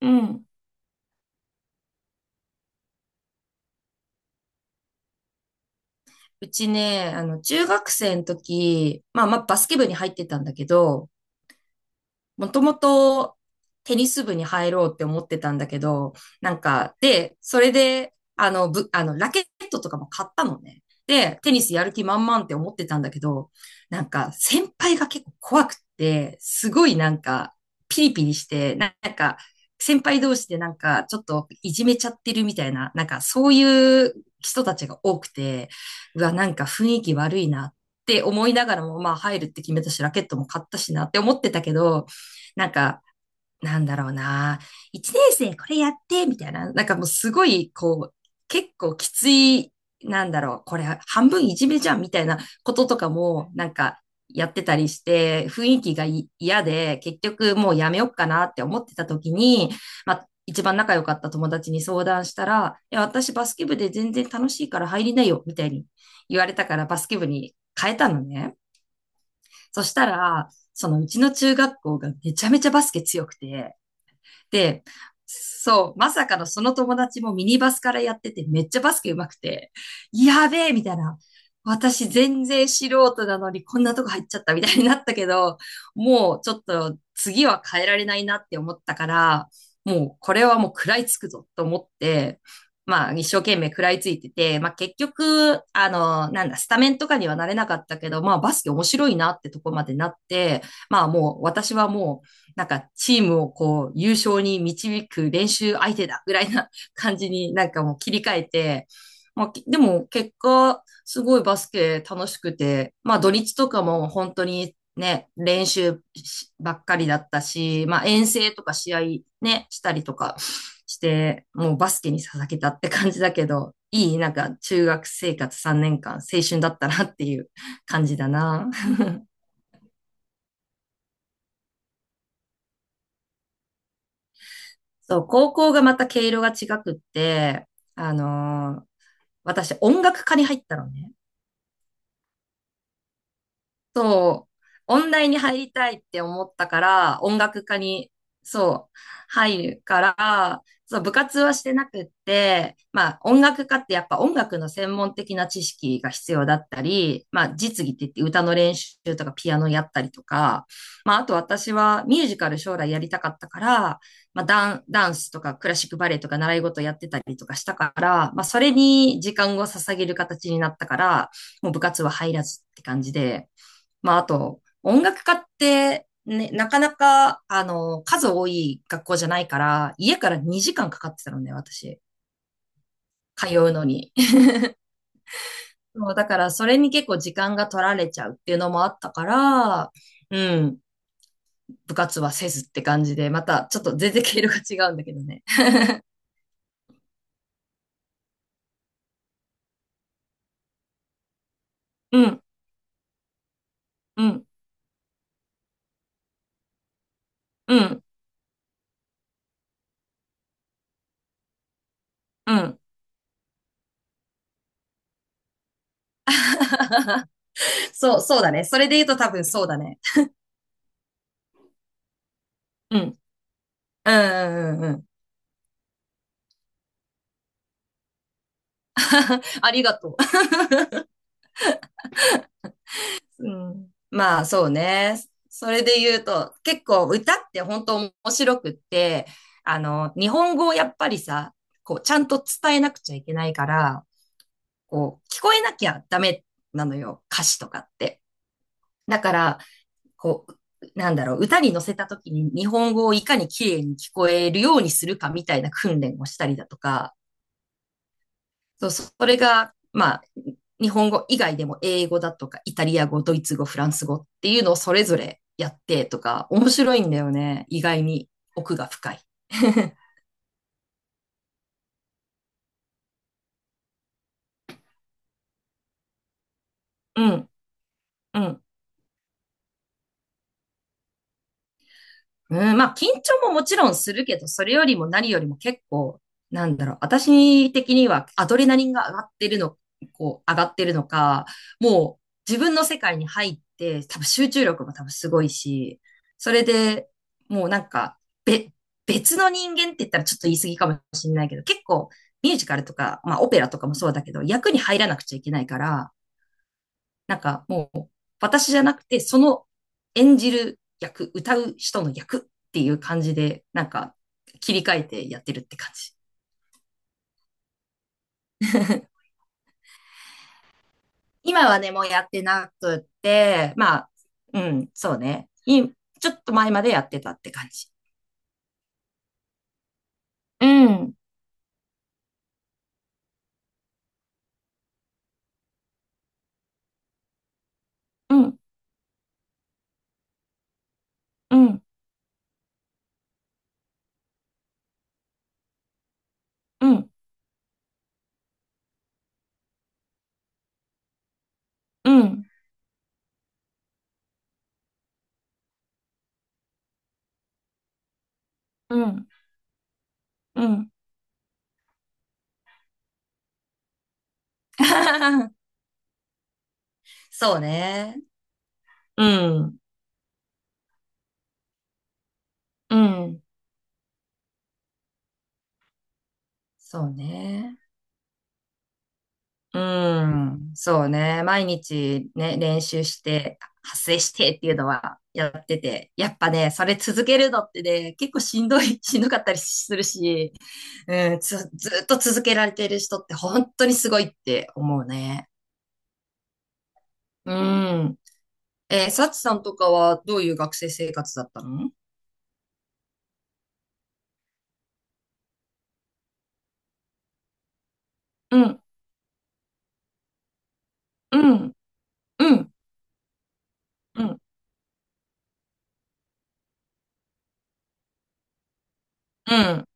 うん。うちね、中学生の時、まあバスケ部に入ってたんだけど、もともとテニス部に入ろうって思ってたんだけど、なんか、で、それで、あの、ぶ、あの、ラケットとかも買ったのね。で、テニスやる気満々って思ってたんだけど、先輩が結構怖くって、すごいピリピリして、先輩同士でちょっといじめちゃってるみたいな、そういう人たちが多くて、うわ、なんか雰囲気悪いなって思いながらも、まあ入るって決めたし、ラケットも買ったしなって思ってたけど、なんか、なんだろうな、1年生これやって、みたいな、なんかもうすごい、こう、結構きつい、これ半分いじめじゃん、みたいなこととかも、やってたりして、雰囲気が嫌で、結局もうやめよっかなって思ってた時に、まあ、一番仲良かった友達に相談したら、いや、私バスケ部で全然楽しいから入りなよ、みたいに言われたからバスケ部に変えたのね。そしたら、そのうちの中学校がめちゃめちゃバスケ強くて、で、そう、まさかのその友達もミニバスからやってて、めっちゃバスケ上手くて、やべえみたいな。私全然素人なのにこんなとこ入っちゃったみたいになったけど、もうちょっと次は変えられないなって思ったから、もうこれはもう食らいつくぞと思って、まあ一生懸命食らいついてて、まあ結局、あの、なんだ、スタメンとかにはなれなかったけど、まあバスケ面白いなってとこまでなって、まあもう私はもうなんかチームをこう優勝に導く練習相手だぐらいな感じに なんかもう切り替えて、でも結果すごいバスケ楽しくて、まあ土日とかも本当にね、練習しばっかりだったし、まあ遠征とか試合ね、したりとかして、もうバスケに捧げたって感じだけど、なんか中学生活3年間青春だったなっていう感じだな。そう、高校がまた毛色が違くって、あのー私音楽科に入ったのね。そう、音大に入りたいって思ったから、音楽科に、そう、入るから、そう、部活はしてなくって、まあ、音楽科ってやっぱ音楽の専門的な知識が必要だったり、まあ、実技って言って歌の練習とかピアノやったりとか、まあ、あと私はミュージカル将来やりたかったから、まあ、ダンスとかクラシックバレエとか習い事やってたりとかしたから、まあ、それに時間を捧げる形になったから、もう部活は入らずって感じで、まあ、あと、音楽家って、ね、なかなか、あの、数多い学校じゃないから、家から2時間かかってたのね、私。通うのに。そう、だから、それに結構時間が取られちゃうっていうのもあったから、うん、部活はせずって感じで、また、ちょっと全然毛色が違うんだけどね。うん、うん、うん、うん。そう、そうだね。それで言うと多分そうだね。うん。うん、うん、うん。うん。 ありがとう。うん。まあそうね。それで言うと、結構歌って本当面白くって、あの、日本語をやっぱりさ、こう、ちゃんと伝えなくちゃいけないから、こう、聞こえなきゃダメなのよ、歌詞とかって。だから、こう、歌に乗せた時に日本語をいかに綺麗に聞こえるようにするかみたいな訓練をしたりだとか、そう、それが、まあ、日本語以外でも英語だとか、イタリア語、ドイツ語、フランス語っていうのをそれぞれやってとか、面白いんだよね。意外に奥が深い。うん、うん。うん、まあ、緊張ももちろんするけど、それよりも何よりも結構、私的にはアドレナリンが上がってるの、こう、上がってるのか、もう自分の世界に入って、多分集中力も多分すごいし、それでもうなんか、べ、別の人間って言ったらちょっと言い過ぎかもしれないけど、結構ミュージカルとか、まあオペラとかもそうだけど、役に入らなくちゃいけないから、なんかもう、私じゃなくて、その演じる役、歌う人の役っていう感じで、なんか切り替えてやってるって感じ。今はね、もうやってなくって、まあ、うん、そうね。ちょっと前までやってたって感じ。うん、うん、うん、うん、うん、うん、うん。そうね。うん、うん。そうね。うん、そうね。毎日ね、練習して、発声してっていうのはやってて、やっぱね、それ続けるのってね、結構しんどい、しんどかったりするし、うん、ずっと続けられてる人って本当にすごいって思うね。うん。えー、サチさんとかはどういう学生生活だったの？うん、うん、うん、うん、うん、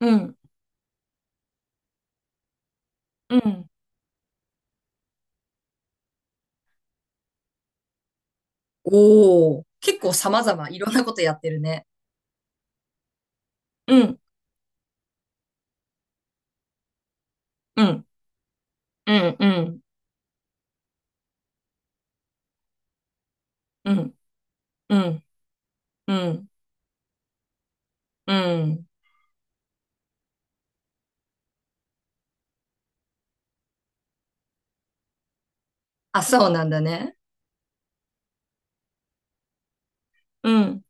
うん、うん。おー、結構様々いろんなことやってるね。うん、うん、うん、うん。うんうん、うん、うん。あ、そうなんだね。うん、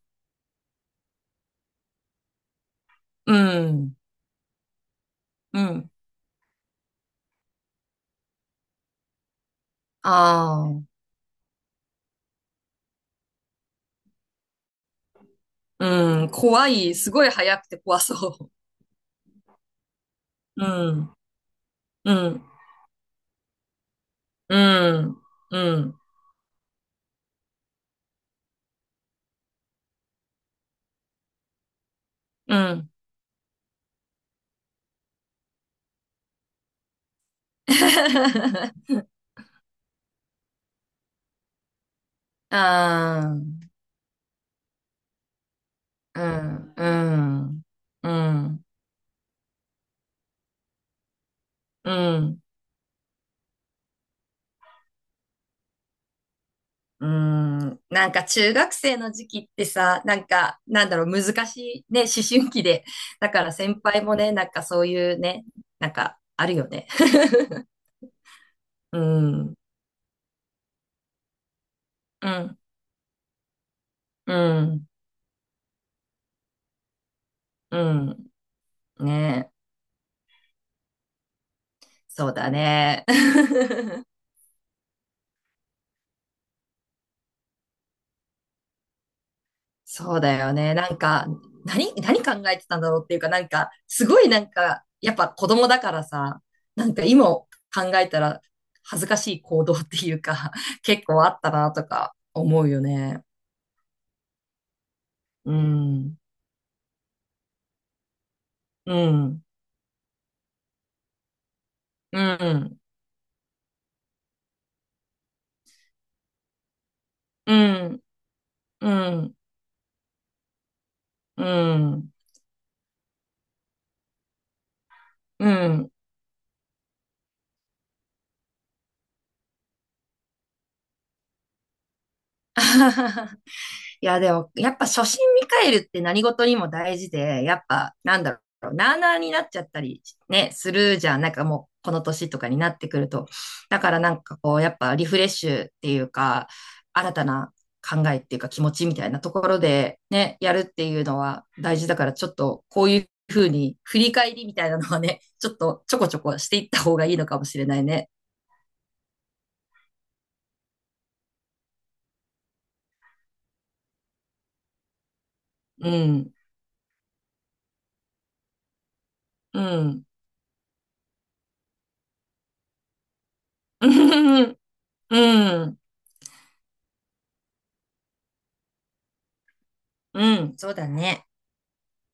うん、うん。ああ、うん、怖い。すごい早くて怖そう。うん、うん、うん、うん、うん。ああ、うん、うん、うん、うん、うん。なんか中学生の時期ってさ、難しいね、思春期で。だから先輩もね、なんかそういうね、なんかあるよね。うん、うん、うん、うん。ねえ、そうだね。そうだよね。何考えてたんだろうっていうか、すごいなんか、やっぱ子供だからさ、なんか今考えたら恥ずかしい行動っていうか、結構あったなとか思うよね。うん、うん、うん、うん、うん、うん、うん。うん。 いや、でも、やっぱ初心見返るって何事にも大事で、やっぱ、なあなあになっちゃったりね、するじゃん。なんかもう、この年とかになってくると。だからなんかこう、やっぱリフレッシュっていうか、新たな考えっていうか気持ちみたいなところでね、やるっていうのは大事だから、ちょっとこういうふうに振り返りみたいなのはね、ちょっとちょこちょこしていった方がいいのかもしれないね。うん、うん、うん、うん、うん、そうだね。